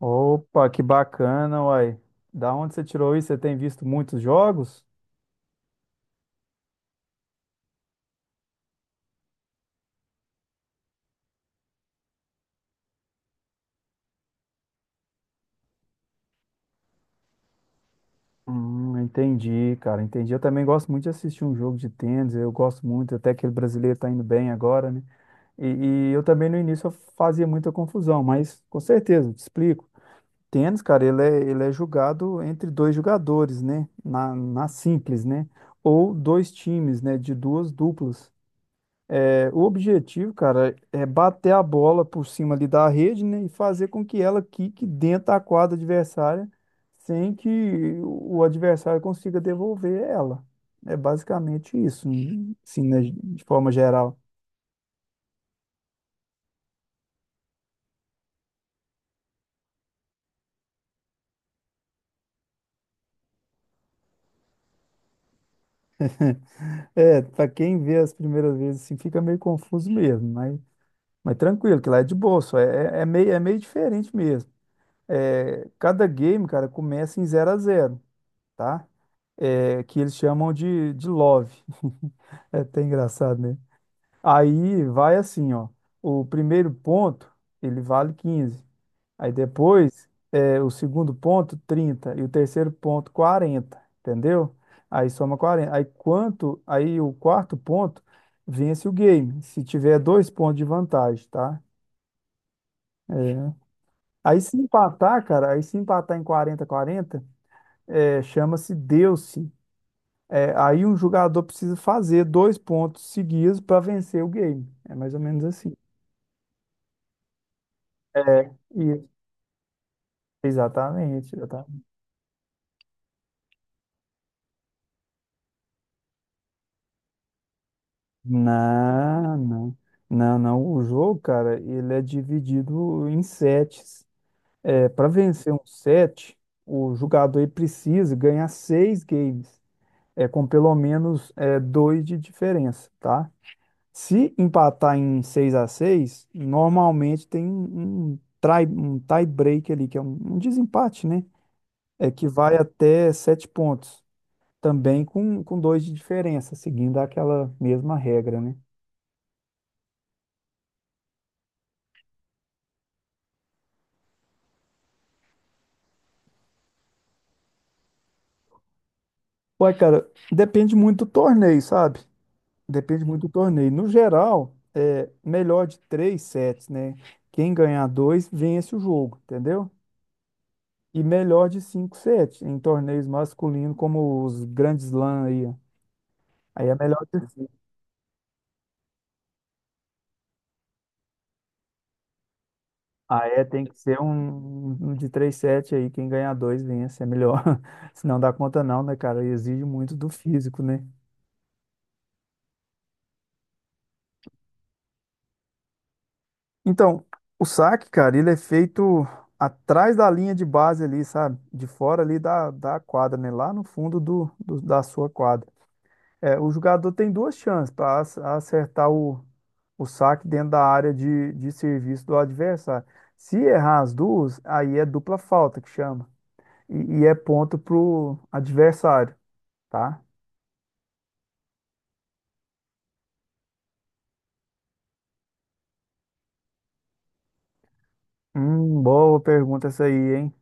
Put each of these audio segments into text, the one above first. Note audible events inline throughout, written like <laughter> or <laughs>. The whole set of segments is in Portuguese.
Opa, que bacana, uai. Da onde você tirou isso? Você tem visto muitos jogos? Entendi, cara, entendi. Eu também gosto muito de assistir um jogo de tênis, eu gosto muito, até que o brasileiro tá indo bem agora, né? E, e eu também no início eu fazia muita confusão, mas com certeza, te explico. Tênis, cara, ele é jogado entre dois jogadores, né? Na simples, né? Ou dois times, né? De duas duplas. É, o objetivo, cara, é bater a bola por cima ali da rede, né, e fazer com que ela quique dentro da quadra adversária sem que o adversário consiga devolver ela. É basicamente isso, né, assim, né, de forma geral. É, para quem vê as primeiras vezes, assim, fica meio confuso mesmo, mas tranquilo, que lá é de boa, só é, é meio diferente mesmo. É, cada game, cara, começa em zero a zero. Tá? É, que eles chamam de love. <laughs> É até engraçado, né? Aí vai assim, ó. O primeiro ponto, ele vale 15. Aí depois, é, o segundo ponto, 30. E o terceiro ponto, 40. Entendeu? Aí soma 40. Aí quanto, aí o quarto ponto, vence o game. Se tiver dois pontos de vantagem, tá? É. Aí se empatar, cara, aí se empatar em 40-40, é, chama-se deu-se. É, aí um jogador precisa fazer dois pontos seguidos para vencer o game. É mais ou menos assim. Isso. Exatamente, exatamente. Não, não. Não, não. O jogo, cara, ele é dividido em sets. É, para vencer um set, o jogador ele precisa ganhar seis games, é, com pelo menos é, dois de diferença, tá? Se empatar em 6-6, normalmente tem um, um tie break ali, que é um desempate, né? É que vai até sete pontos, também com dois de diferença, seguindo aquela mesma regra, né? Ué, cara, depende muito do torneio, sabe? Depende muito do torneio. No geral, é melhor de três sets, né? Quem ganhar dois, vence o jogo, entendeu? E melhor de cinco sets em torneios masculinos, como os grandes Slam aí, ó. Aí é melhor de cinco. Ah, é, tem que ser um, um de três 7 aí, quem ganhar dois vence, é melhor. <laughs> Se não dá conta não, né, cara? E exige muito do físico, né? Então, o saque, cara, ele é feito atrás da linha de base ali, sabe? De fora ali da quadra, né? Lá no fundo da sua quadra. É, o jogador tem duas chances para acertar o saque dentro da área de serviço do adversário. Se errar as duas, aí é dupla falta que chama. E é ponto pro adversário. Tá? Boa pergunta essa aí, hein?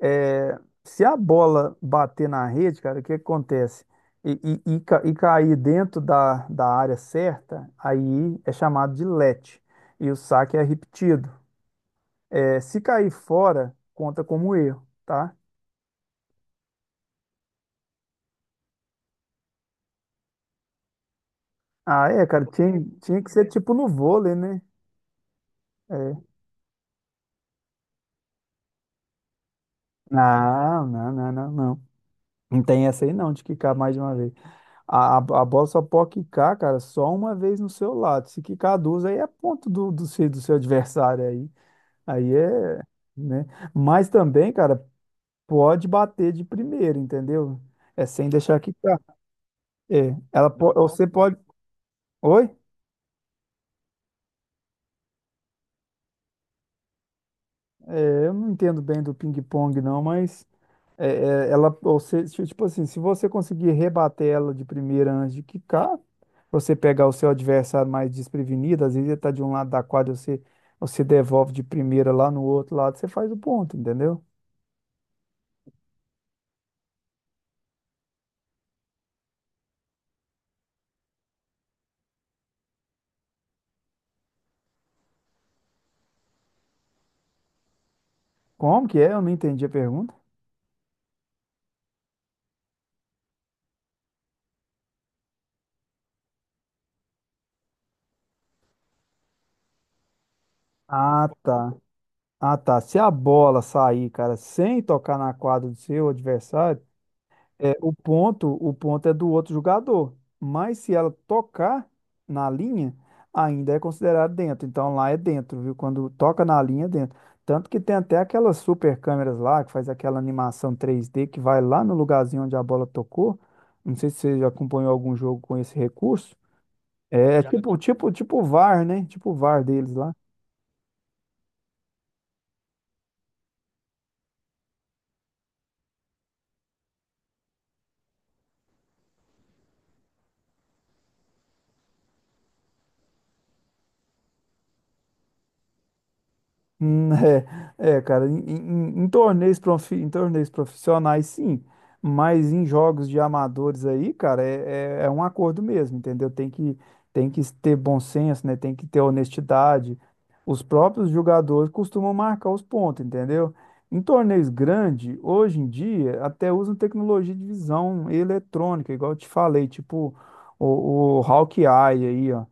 É, se a bola bater na rede, cara, o que acontece? E, e cair dentro da área certa, aí é chamado de let. E o saque é repetido. É, se cair fora, conta como erro, tá? Ah, é, cara, tinha que ser tipo no vôlei, né? É. Não, não, não, não, não. Não tem essa aí não, de quicar mais de uma vez. A bola só pode quicar, cara, só uma vez no seu lado. Se quicar duas, aí é ponto do seu adversário aí. Aí é, né? Mas também, cara, pode bater de primeira, entendeu? É sem deixar quicar. É, você pode. Oi? É, eu não entendo bem do ping-pong, não, mas você, tipo assim, se você conseguir rebater ela de primeira antes de quicar, você pegar o seu adversário mais desprevenido, às vezes ele tá de um lado da quadra, você devolve de primeira lá no outro lado, você faz o ponto, entendeu? Como que é? Eu não entendi a pergunta. Ah, tá. Ah, tá. Se a bola sair, cara, sem tocar na quadra do seu adversário, é, o ponto, é do outro jogador, mas se ela tocar na linha, ainda é considerado dentro. Então lá é dentro, viu? Quando toca na linha, é dentro. Tanto que tem até aquelas super câmeras lá que faz aquela animação 3D que vai lá no lugarzinho onde a bola tocou. Não sei se você já acompanhou algum jogo com esse recurso. É. Já, tipo o VAR, né? Tipo o VAR deles lá. <laughs> Hum, é, cara, em torneios profissionais, sim, mas em jogos de amadores aí, cara, é um acordo mesmo, entendeu? Tem que ter bom senso, né? Tem que ter honestidade. Os próprios jogadores costumam marcar os pontos, entendeu? Em torneios grandes, hoje em dia, até usam tecnologia de visão eletrônica, igual eu te falei, tipo o Hawk Eye aí, ó,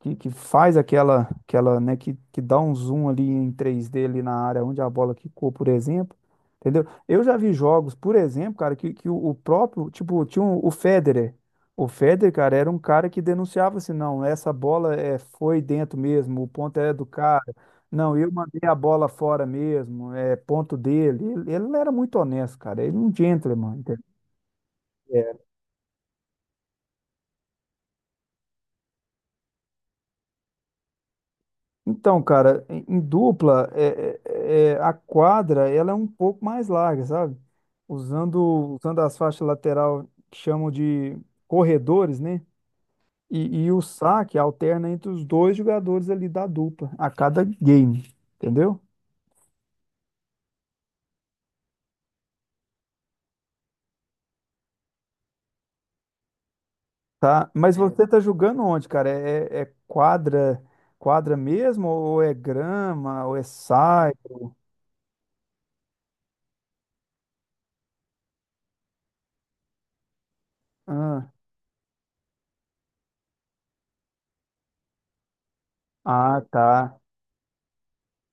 que faz aquela, né, que dá um zoom ali em 3D ali na área onde a bola quicou, por exemplo. Entendeu? Eu já vi jogos, por exemplo, cara, que o próprio, tipo, o Federer. O Federer, cara, era um cara que denunciava assim, não, essa bola é, foi dentro mesmo, o ponto é do cara. Não, eu mandei a bola fora mesmo, é ponto dele. Ele não era muito honesto, cara. Ele não um gentleman, entendeu? É. Então, cara, em dupla, a quadra ela é um pouco mais larga, sabe? Usando as faixas lateral que chamam de corredores, né? E o saque alterna entre os dois jogadores ali da dupla, a cada game, entendeu? Tá, mas você tá jogando onde, cara? É quadra, quadra mesmo, ou é grama, ou é saia? Ah, ah, tá.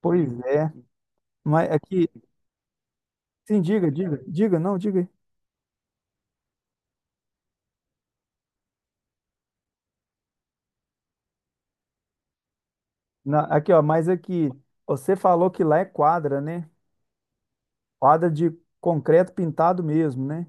Pois é. Mas aqui, sim, diga, diga, diga, não, diga. Aqui, ó, mas aqui, você falou que lá é quadra, né? Quadra de concreto pintado mesmo, né?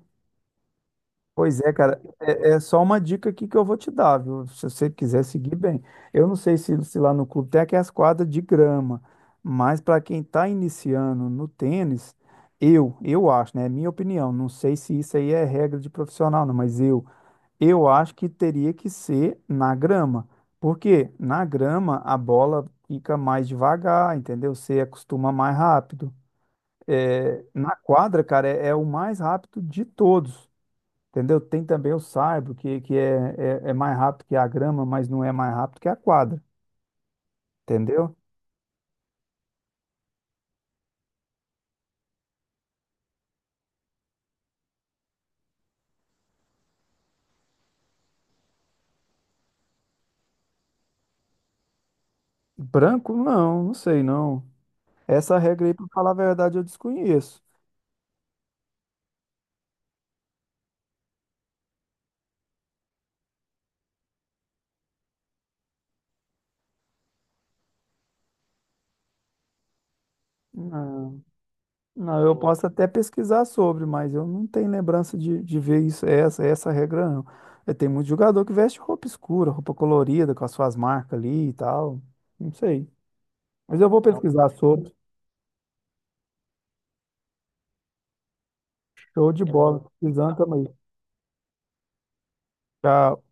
Pois é, cara, é só uma dica aqui que eu vou te dar, viu? Se você quiser seguir bem. Eu não sei se lá no clube tem aquelas quadras de grama, mas para quem está iniciando no tênis, eu acho, né? É minha opinião. Não sei se isso aí é regra de profissional, não, Eu acho que teria que ser na grama, porque na grama a bola fica mais devagar, entendeu? Você acostuma mais rápido. É, na quadra, cara, é o mais rápido de todos, entendeu? Tem também o saibro, que é, é mais rápido que a grama, mas não é mais rápido que a quadra, entendeu? Branco, não, não sei não. Essa regra aí, pra falar a verdade, eu desconheço. Não, eu posso até pesquisar sobre, mas eu não tenho lembrança de ver isso, é essa regra, não. Tem muito jogador que veste roupa escura, roupa colorida, com as suas marcas ali e tal. Não sei. Mas eu vou pesquisar sobre. Show de bola. Pesquisando também. Tchau.